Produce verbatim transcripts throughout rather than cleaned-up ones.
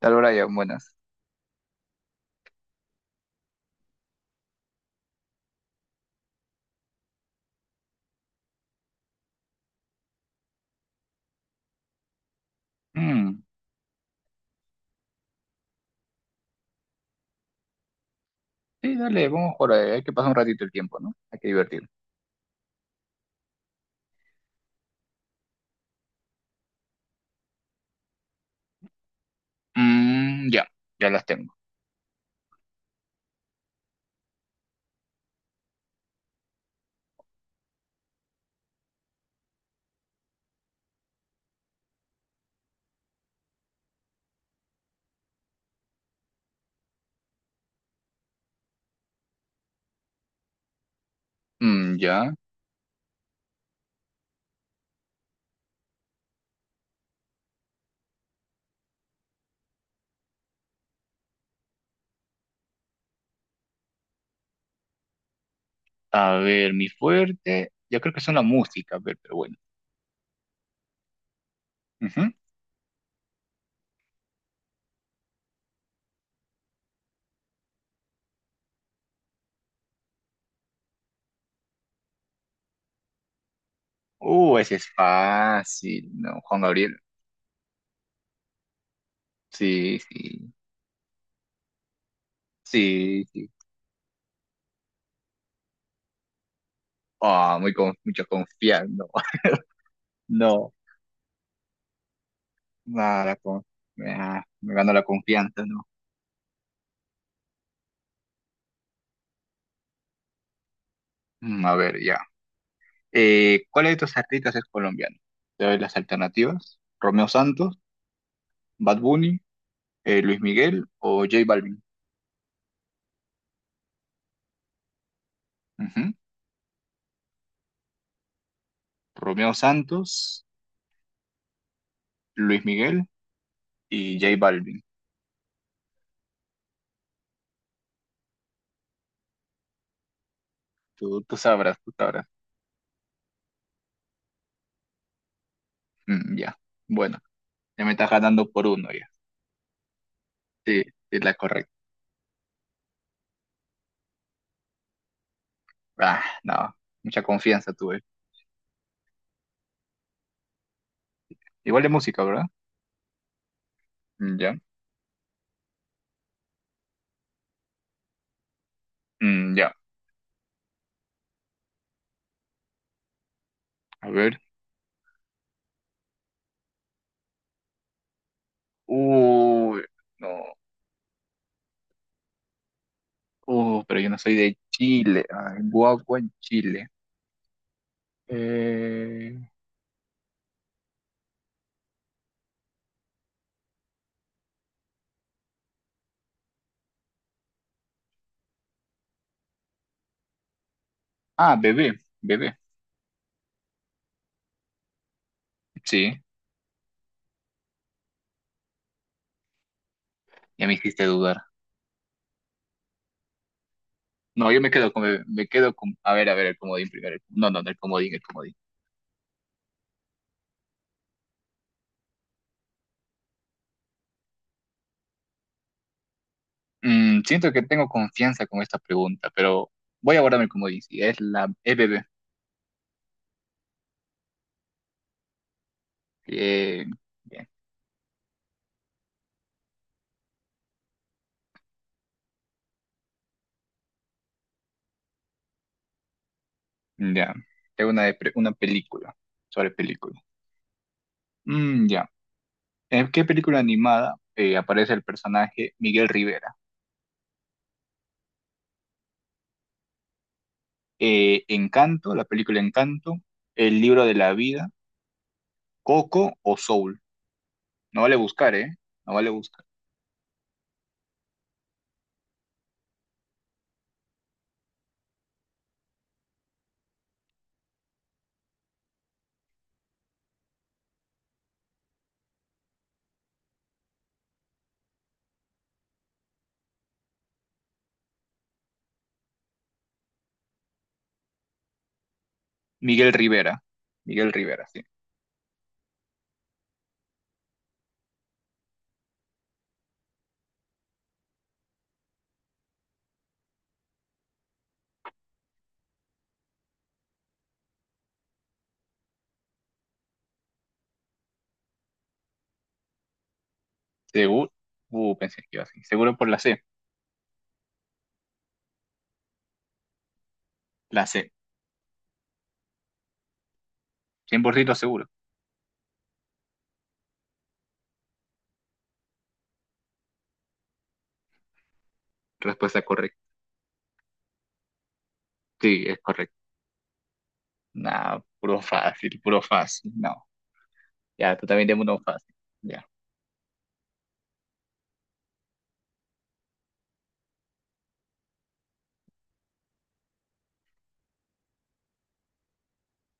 Tal Brian, buenas. Mm, sí, dale, vamos por ahí. Hay que pasar un ratito el tiempo, ¿no? Hay que divertir. Mm, ya, ya las tengo. Mm, ya. A ver, mi fuerte. Yo creo que son la música, a ver, pero bueno. Ujú. Uh, ese es fácil, ¿no? Juan Gabriel. Sí, sí, sí, sí. Ah, muy con, mucho confianza. No, nada, con, ah, me ganó la confianza, ¿no? Mm, a ver, ya. Eh, ¿cuál de estos artistas es colombiano? Te doy las alternativas. Romeo Santos. Bad Bunny, eh, Luis Miguel o J Balvin. Ujú. Romeo Santos, Luis Miguel y J Balvin. Tú, tú sabrás, tú sabrás. Mm, ya. Bueno, ya me estás ganando por uno ya. Sí, es la correcta. Ah, no. Mucha confianza tuve. Igual de música, ¿verdad? Mm, ya. Mm, ya. A ver. Uy, no. Uh, pero yo no soy de Chile. Ay, guagua en Chile. Eh... Ah, bebé. Bebé. Sí. Ya me hiciste dudar. No, yo me quedo con, me quedo con, a ver, a ver, el comodín primero. el- No, no, no, el comodín, el comodín. Mm, siento que tengo confianza con esta pregunta, pero voy a guardarme el comodín. Sí, es la es bebé. Eh, Bien, ya. Tengo una, de pre- una película sobre película. Mm, ya. ¿En qué película animada eh, aparece el personaje Miguel Rivera? Eh, Encanto, la película Encanto, El libro de la vida, Coco o Soul. No vale buscar, ¿eh? No vale buscar. Miguel Rivera. Miguel Rivera, sí. Seguro. Uh, pensé que iba así. Seguro por la C. La C. Cien por ciento seguro. Respuesta correcta. Sí, es correcto. No, puro fácil, puro fácil. No. Ya, tú también tengo uno fácil. Ya.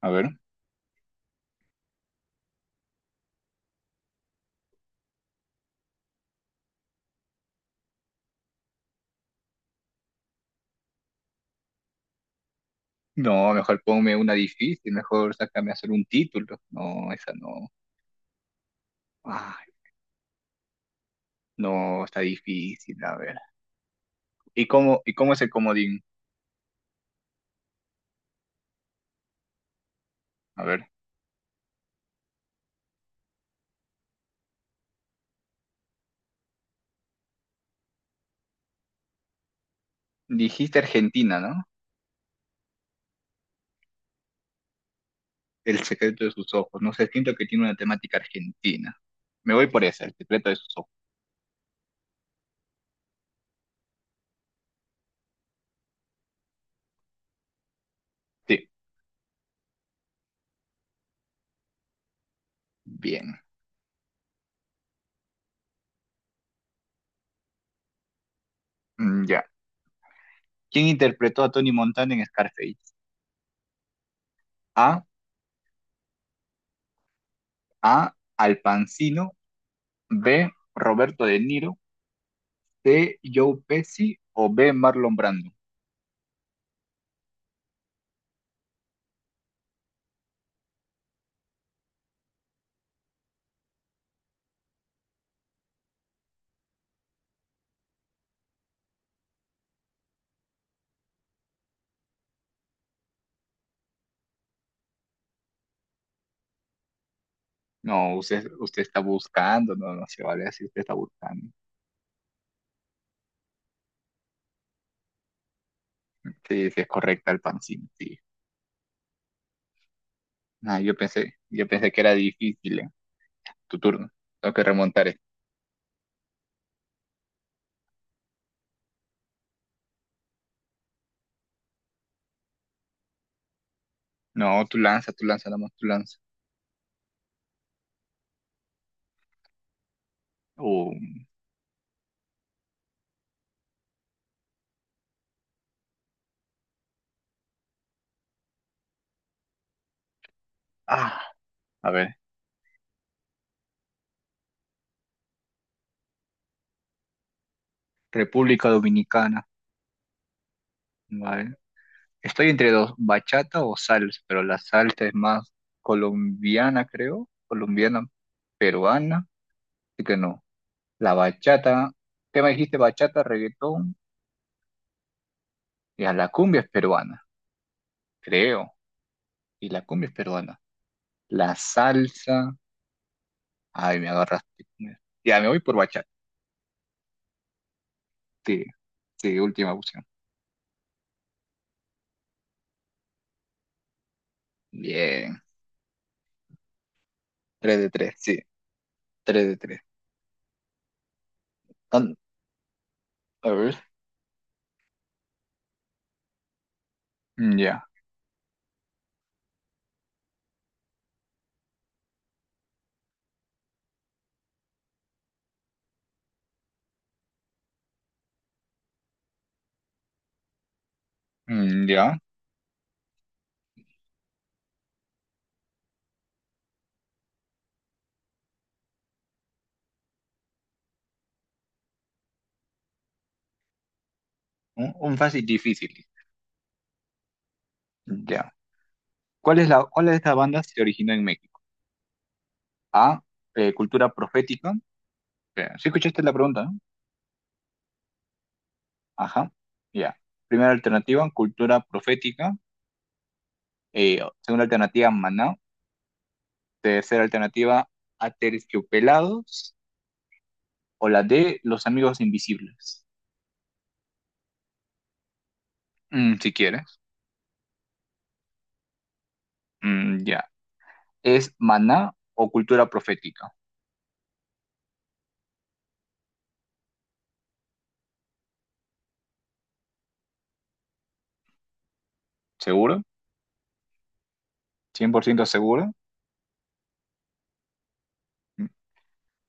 A ver. No, mejor ponme una difícil. Mejor sácame a hacer un título. No, esa no. Ay, no, está difícil. A ver. ¿Y cómo, y cómo es el comodín? A ver. Dijiste Argentina, ¿no? El secreto de sus ojos. No sé, siento que tiene una temática argentina. Me voy por esa, el secreto de sus ojos. Sí. Bien. Mm, ya. ¿Quién interpretó a Tony Montana en Scarface? A. A. Al Pacino. B. Roberto De Niro. C. Joe Pesci. O B. Marlon Brando. No, usted, usted está buscando. No, no se vale así. Usted está buscando. Sí, sí, es correcta Al Pacino. Sí. Ah, yo pensé, yo pensé que era difícil. eh. Tu turno. Tengo que remontar esto. No, tú lanza, tú lanza, nada más, tú lanza. Oh, ah, a ver. República Dominicana. Vale. Estoy entre dos, bachata o salsa, pero la salsa es más colombiana, creo, colombiana, peruana, así que no. La bachata, ¿qué me dijiste? Bachata, reggaetón, y a la cumbia es peruana, creo, y la cumbia es peruana. La salsa, ay, me agarraste con eso. Ya, me voy por bachata, sí, sí, última opción. Bien, tres de tres, sí, tres de tres. A ver, mm, ya, mm, ya, un, un fácil difícil, ya. ¿Cuál es la, cuál de estas bandas se originó en México? A, eh, cultura profética. Espera, ¿sí escuchaste la pregunta, no? Ajá, ya. Primera alternativa, cultura profética. Eh, segunda alternativa, Maná. Tercera alternativa, Aterciopelados. O la D, Los Amigos Invisibles. Mm, si quieres. Mm, ya. ¿Es Maná o cultura profética? ¿Seguro? ¿cien por ciento seguro? Mm.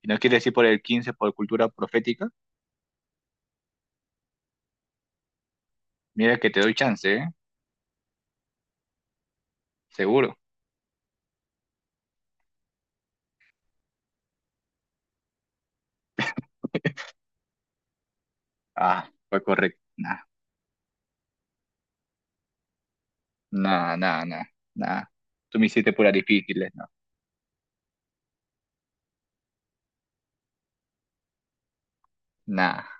¿Y no quieres decir por el quince por cultura profética? Mira que te doy chance, ¿eh? Seguro. Ah, fue correcto. Nah. Nada, nada, nada, nada. Tú me hiciste puras difíciles, ¿no? Nada.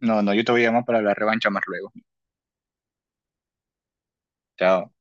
No, no, yo te voy a llamar para la revancha más luego. Chao.